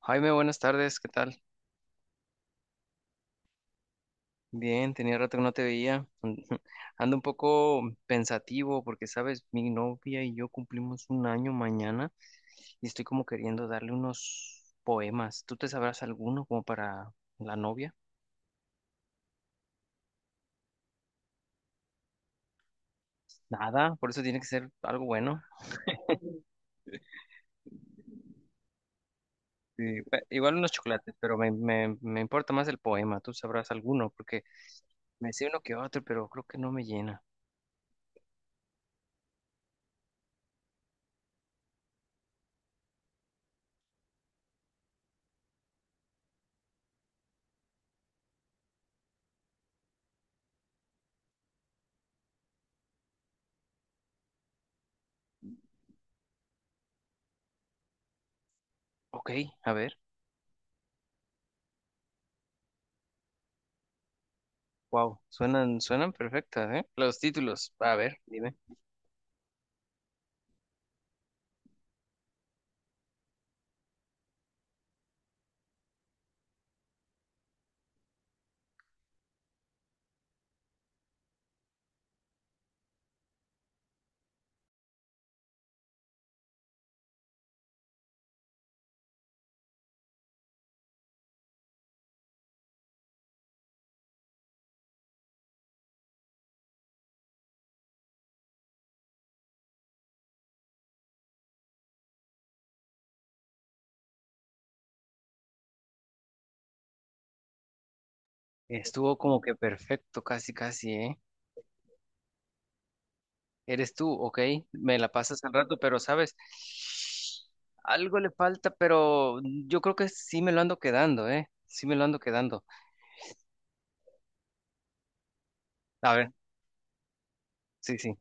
Jaime, buenas tardes, ¿qué tal? Bien, tenía rato que no te veía. Ando un poco pensativo porque, sabes, mi novia y yo cumplimos un año mañana y estoy como queriendo darle unos poemas. ¿Tú te sabrás alguno como para la novia? Nada, por eso tiene que ser algo bueno. Y, igual unos chocolates, pero me importa más el poema. Tú sabrás alguno porque me sé uno que otro, pero creo que no me llena. Ok, a ver. Wow, suenan perfectas, ¿eh? Los títulos. A ver, dime. Estuvo como que perfecto, casi, casi, ¿eh? Eres tú, ok. Me la pasas al rato, pero sabes, algo le falta, pero yo creo que sí me lo ando quedando, ¿eh? Sí me lo ando quedando. A ver, sí, sí,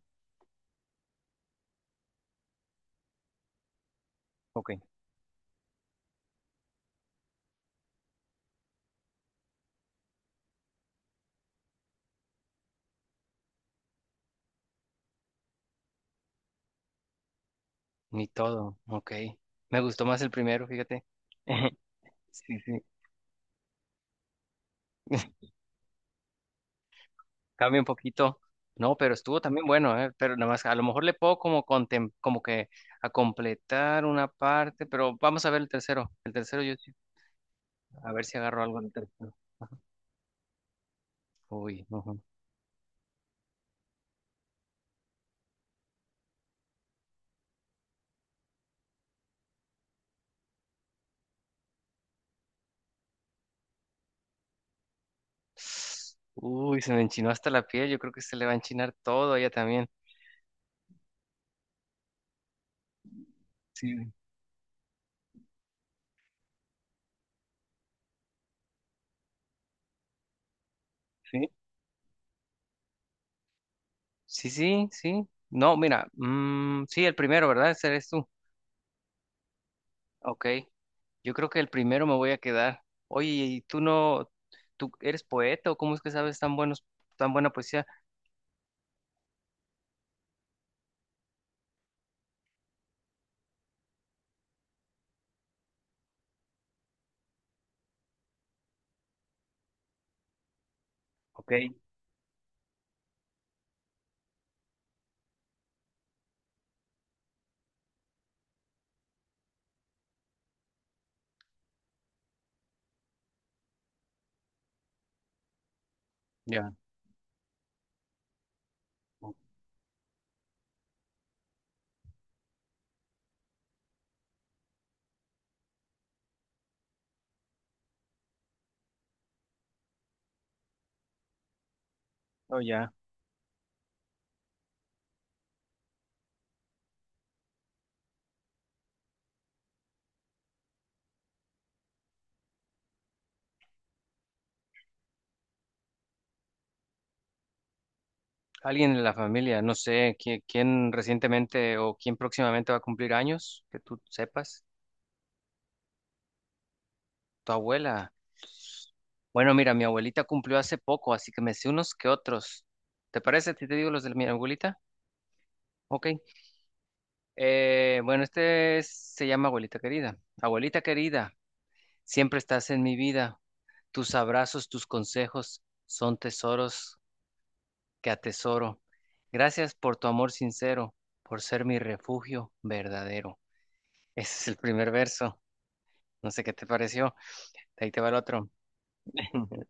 ok. Ni todo, ok. Me gustó más el primero, fíjate. Sí, sí. Cambia un poquito. No, pero estuvo también bueno, ¿eh? Pero nada más, a lo mejor le puedo como, como que a completar una parte, pero vamos a ver el tercero. El tercero yo sí, a ver si agarro algo del tercero. Uy, ujú. Uy, se me enchinó hasta la piel. Yo creo que se le va a enchinar todo a ella también. Sí, sí. Sí, sí, sí. No, mira, sí, el primero, ¿verdad? Ese eres tú. Ok. Yo creo que el primero me voy a quedar. Oye, ¿y tú no, tú eres poeta o cómo es que sabes tan buenos, tan buena poesía? Ok, ya. Oh, ya. Alguien en la familia, no sé, ¿quién, quién recientemente o quién próximamente va a cumplir años, que tú sepas? Tu abuela. Bueno, mira, mi abuelita cumplió hace poco, así que me sé unos que otros. ¿Te parece si te digo los de mi abuelita? Ok. Bueno, se llama Abuelita Querida. Abuelita querida, siempre estás en mi vida. Tus abrazos, tus consejos son tesoros que atesoro. Gracias por tu amor sincero, por ser mi refugio verdadero. Ese es el primer verso. No sé qué te pareció. De ahí te va el otro.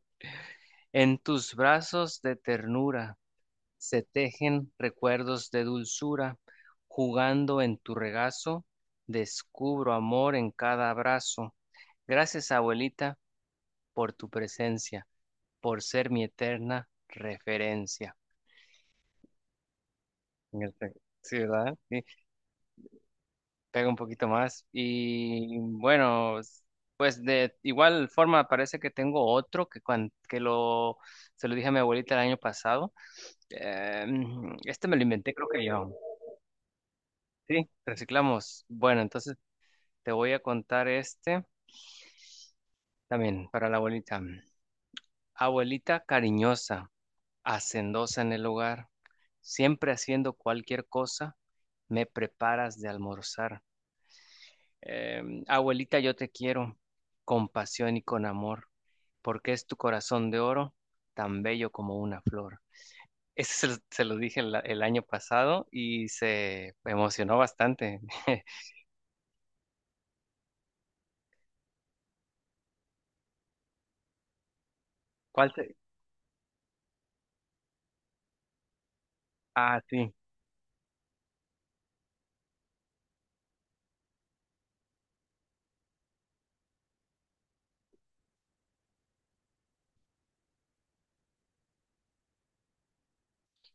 En tus brazos de ternura, se tejen recuerdos de dulzura, jugando en tu regazo, descubro amor en cada abrazo. Gracias, abuelita, por tu presencia, por ser mi eterna referencia. En el re- Sí, ¿verdad? Sí, pega un poquito más. Y bueno, s- pues de igual forma parece que tengo otro que, se lo dije a mi abuelita el año pasado. Este me lo inventé, creo que yo. Sí, reciclamos. Bueno, entonces... Te voy a contar este también para la abuelita. Abuelita cariñosa, hacendosa en el hogar, siempre haciendo cualquier cosa, me preparas de almorzar. Abuelita, yo te quiero con pasión y con amor, porque es tu corazón de oro, tan bello como una flor. Ese se lo dije el año pasado y se emocionó bastante. ¿Cuál te- Ah, sí,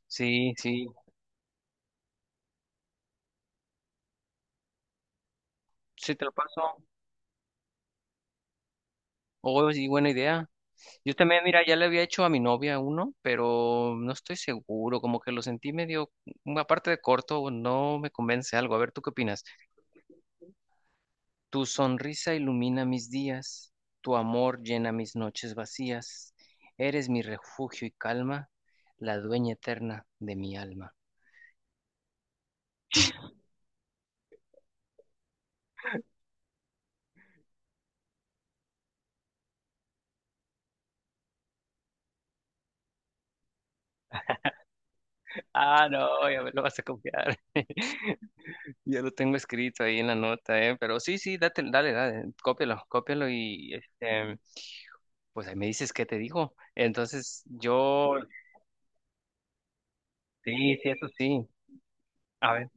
sí, sí, sí te lo paso. Oh, sí, buena idea. Yo también, mira, ya le había hecho a mi novia uno, pero no estoy seguro, como que lo sentí medio, mm, aparte de corto, no me convence algo. A ver, ¿tú qué opinas? Tu sonrisa ilumina mis días, tu amor llena mis noches vacías, eres mi refugio y calma, la dueña eterna de mi alma. Ah, no, ya me lo vas a copiar. Ya lo tengo escrito ahí en la nota, ¿eh? Pero sí, sí, date, dale, dale, cópialo, cópialo y este, pues ahí me dices qué te digo. Entonces, yo, sí, sí, eso sí. A ver,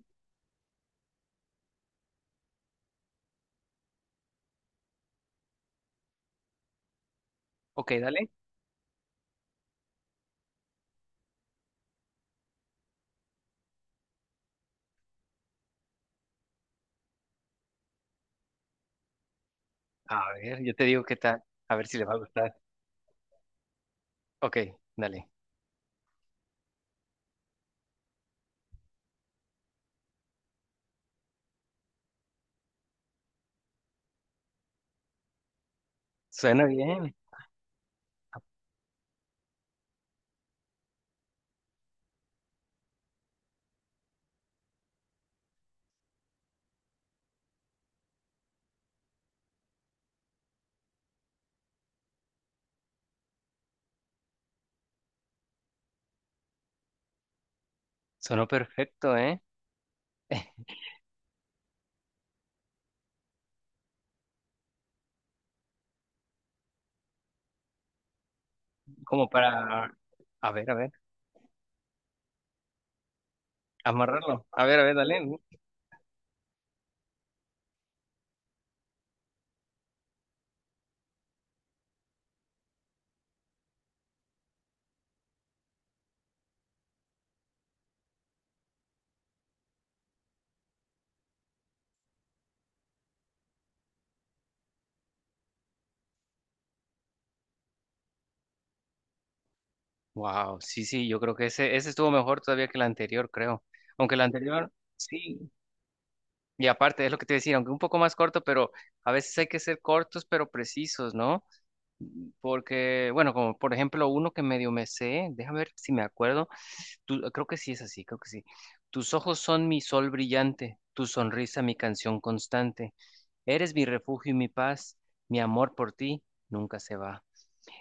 ok, dale. A ver, yo te digo qué tal. A ver si le va a gustar. Ok, dale. Suena bien. Sonó perfecto, ¿eh? Como para, a ver, amarrarlo. A ver, dale. Wow, sí, sí, yo creo que ese estuvo mejor todavía que el anterior, creo. Aunque el anterior, sí. Y aparte, es lo que te decía, aunque un poco más corto, pero a veces hay que ser cortos, pero precisos, ¿no? Porque, bueno, como por ejemplo uno que medio me sé, déjame ver si me acuerdo, tú- creo que sí es así, creo que sí. Tus ojos son mi sol brillante, tu sonrisa mi canción constante, eres mi refugio y mi paz, mi amor por ti nunca se va.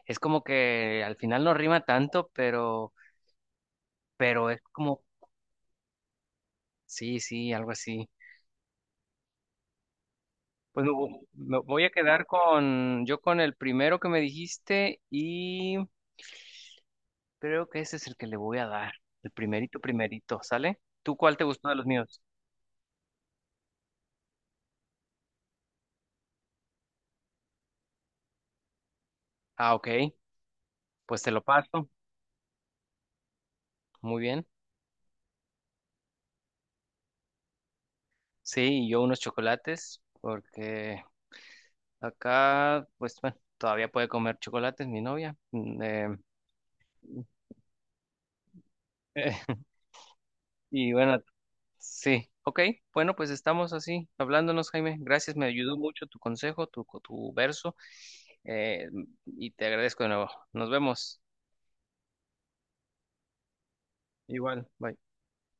Es como que al final no rima tanto, pero es como, sí, sí, algo así. Me voy a quedar con, yo con el primero que me dijiste. Creo que ese es el que le voy a dar. El primerito, primerito, ¿sale? ¿Tú cuál te gustó de los míos? Ah, ok. Pues te lo paso. Muy bien. Sí, y yo unos chocolates, porque acá, pues bueno, todavía puede comer chocolates mi novia. Y bueno, sí. Ok, bueno, pues estamos así, hablándonos, Jaime. Gracias, me ayudó mucho tu consejo, tu verso. Eh, y te agradezco de nuevo. Nos vemos. Igual, bye.